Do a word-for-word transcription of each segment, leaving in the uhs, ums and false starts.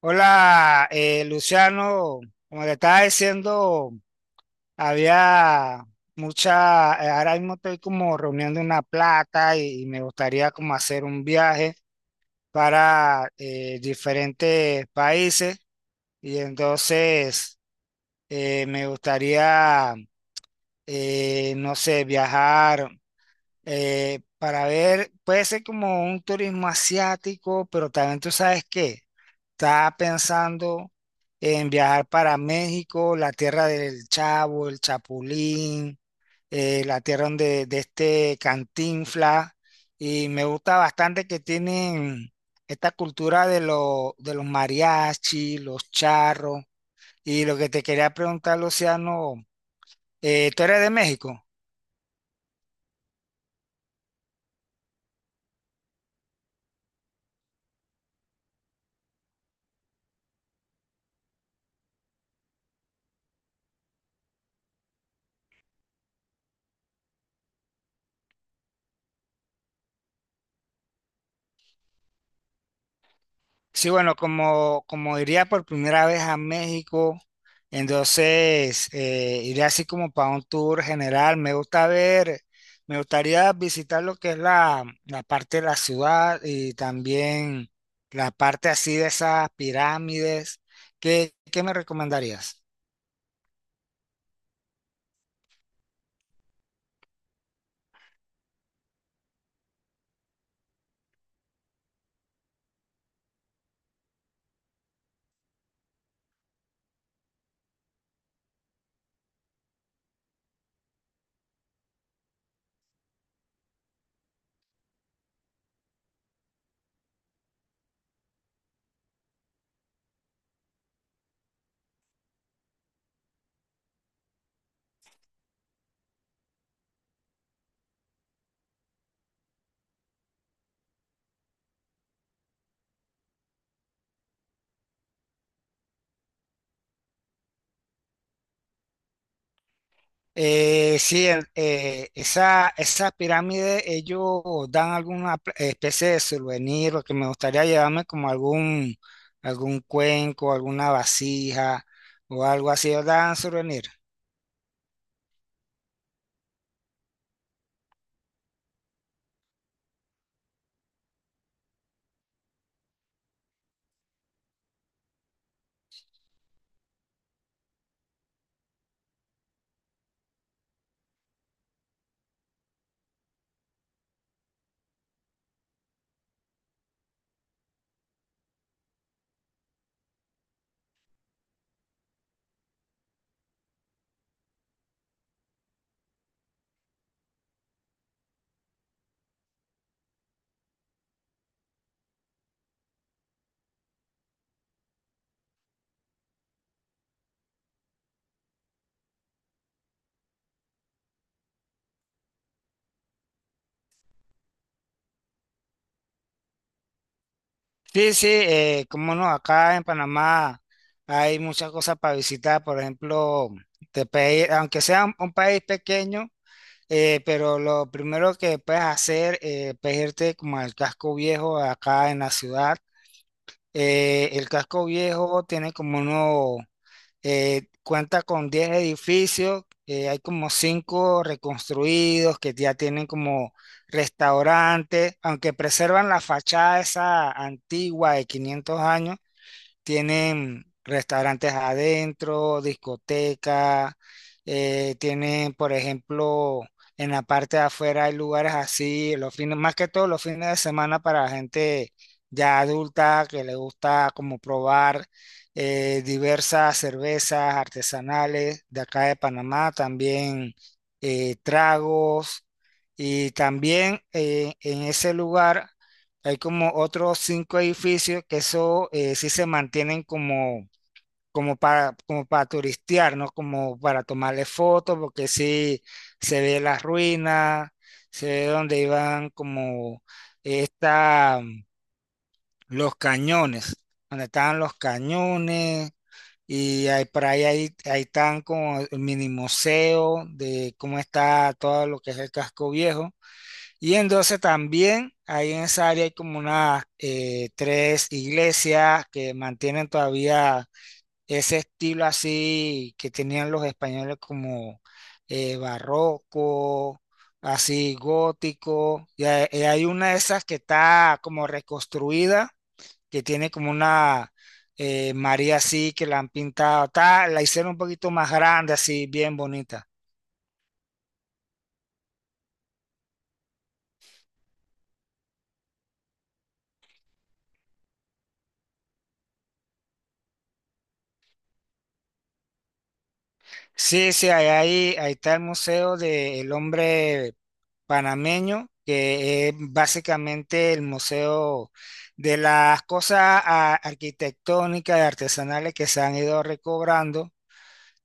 Hola, eh, Luciano, como te estaba diciendo, había mucha, eh, ahora mismo estoy como reuniendo una plata y, y me gustaría como hacer un viaje para eh, diferentes países y entonces eh, me gustaría, eh, no sé, viajar eh, para ver, puede ser como un turismo asiático, pero también tú sabes que está pensando en viajar para México, la tierra del Chavo, el Chapulín, eh, la tierra donde, de este Cantinflas, y me gusta bastante que tienen esta cultura de, lo- de los mariachi, los charros, y lo que te quería preguntar, Luciano, eh, ¿tú eres de México? Sí, bueno, como, como iría por primera vez a México, entonces eh, iría así como para un tour general. Me gusta ver, me gustaría visitar lo que es la, la parte de la ciudad y también la parte así de esas pirámides. ¿Qué, qué me recomendarías? Eh, sí, el- eh, esa, esa pirámide, ellos dan alguna pl- especie de souvenir, lo que me gustaría llevarme como algún, algún cuenco, alguna vasija o algo así, ellos dan souvenir. Sí, sí, eh, cómo no, acá en Panamá hay muchas cosas para visitar, por ejemplo, te pe- aunque sea un, un país pequeño, eh, pero lo primero que puedes hacer eh, pues, irte como al casco viejo acá en la ciudad. Eh, el casco viejo tiene como uno, eh, cuenta con diez edificios, eh, hay como cinco reconstruidos que ya tienen como restaurantes, aunque preservan la fachada esa antigua de quinientos años, tienen restaurantes adentro, discoteca, eh, tienen, por ejemplo, en la parte de afuera hay lugares así, los fines, más que todo los fines de semana para la gente ya adulta que le gusta como probar eh, diversas cervezas artesanales de acá de Panamá, también eh, tragos. Y también eh, en ese lugar hay como otros cinco edificios que eso eh, sí se mantienen como, como para, como para turistear, ¿no? Como para tomarle fotos, porque sí se ve las ruinas, se ve donde iban como esta, los cañones, donde estaban los cañones, y hay, por ahí, hay- ahí están como el mini museo de cómo está todo lo que es el casco viejo. Y entonces también ahí en esa área hay como unas eh, tres iglesias que mantienen todavía ese estilo así que tenían los españoles como eh, barroco, así gótico. Y hay, y hay una de esas que está como reconstruida, que tiene como una eh, María así que la han pintado, está- la hicieron un poquito más grande, así bien bonita. Sí, sí, ahí, ahí, ahí está el museo del hombre panameño, que es básicamente el museo de las cosas a- arquitectónicas y artesanales que se han ido recobrando,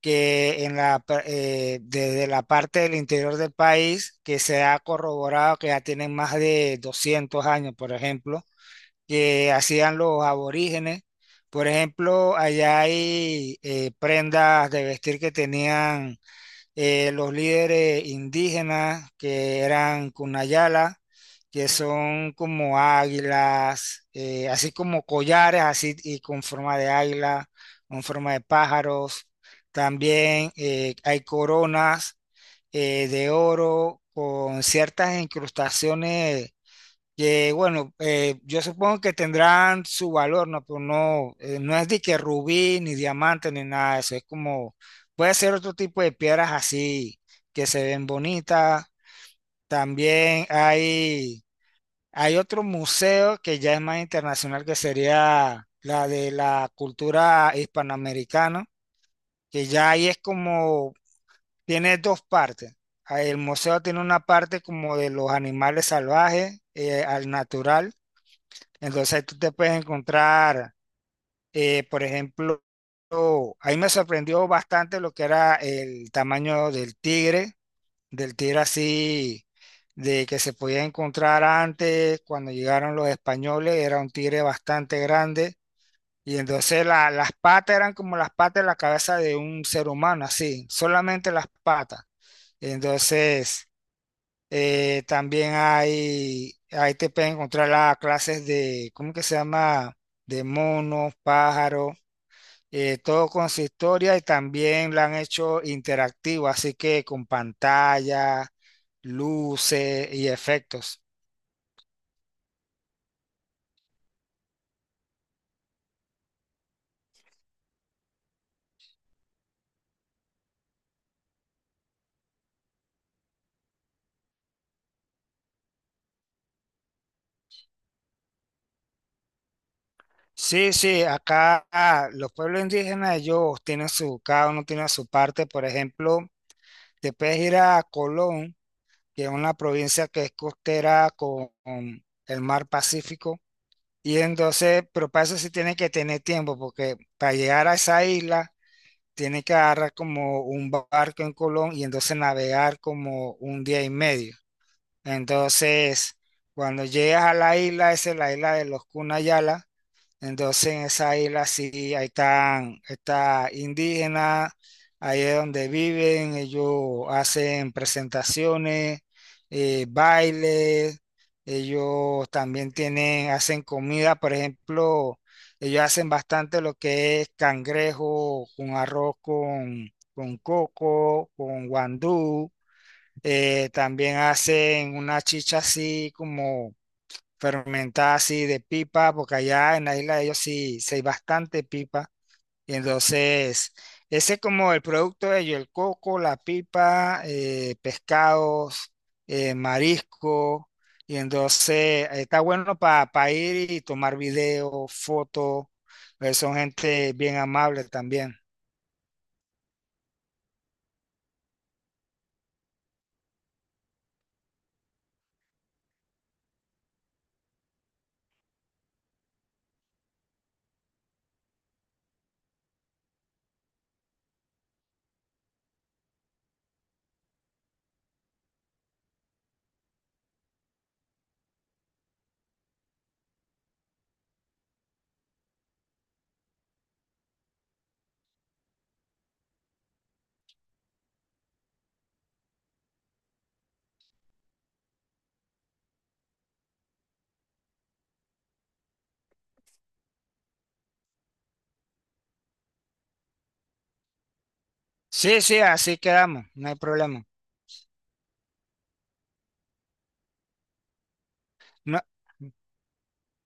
que en la, pa- eh, desde la parte del interior del país, que se ha corroborado que ya tienen más de doscientos años, por ejemplo, que hacían los aborígenes. Por ejemplo, allá hay eh, prendas de vestir que tenían eh, los líderes indígenas que eran Kunayala, que son como águilas, eh, así como collares, así y con forma de águila, con forma de pájaros. También eh, hay coronas eh, de oro con ciertas incrustaciones que bueno, eh, yo supongo que tendrán su valor, ¿no? Pero no, eh, no es de que rubí, ni diamante, ni nada de eso. Es como, puede ser otro tipo de piedras así que se ven bonitas. También hay, hay otro museo que ya es más internacional, que sería la de la cultura hispanoamericana, que ya ahí es como, tiene dos partes. Ah, el museo tiene una parte como de los animales salvajes, eh, al natural, entonces ahí tú te puedes encontrar, eh, por ejemplo, ahí me sorprendió bastante lo que era el tamaño del tigre, del tigre así, de que se podía encontrar antes, cuando llegaron los españoles, era un tigre bastante grande. Y entonces la- las patas eran como las patas de la cabeza de un ser humano, así, solamente las patas. Entonces… Eh, también hay, ahí te pueden encontrar las clases de, ¿cómo que se llama? De monos, pájaros, eh, todo con su historia y también la han hecho interactiva, así que con pantalla, luces y efectos. Sí, sí, acá ah, los pueblos indígenas, ellos tienen su, cada uno tiene su parte. Por ejemplo, te puedes ir a Colón, que es una provincia que es costera con con el mar Pacífico. Y entonces, pero para eso sí tiene que tener tiempo, porque para llegar a esa isla tiene que agarrar como un barco en Colón y entonces navegar como un día y medio. Entonces, cuando llegas a la isla, esa es la isla de los Cunayala, entonces en esa isla sí, ahí están, está indígena, ahí es donde viven, ellos hacen presentaciones, eh, bailes, ellos también tienen, hacen comida, por ejemplo, ellos hacen bastante lo que es cangrejo con arroz con, con coco, con guandú, eh, también hacen una chicha así como fermentada así de pipa, porque allá en la isla de ellos sí, sí hay bastante pipa. Y entonces, ese es como el producto de ellos, el coco, la pipa, eh, pescados, eh, marisco. Y entonces está bueno para ir y tomar video, fotos. eh, Son gente bien amable también. Sí, sí, así quedamos, no hay problema. No.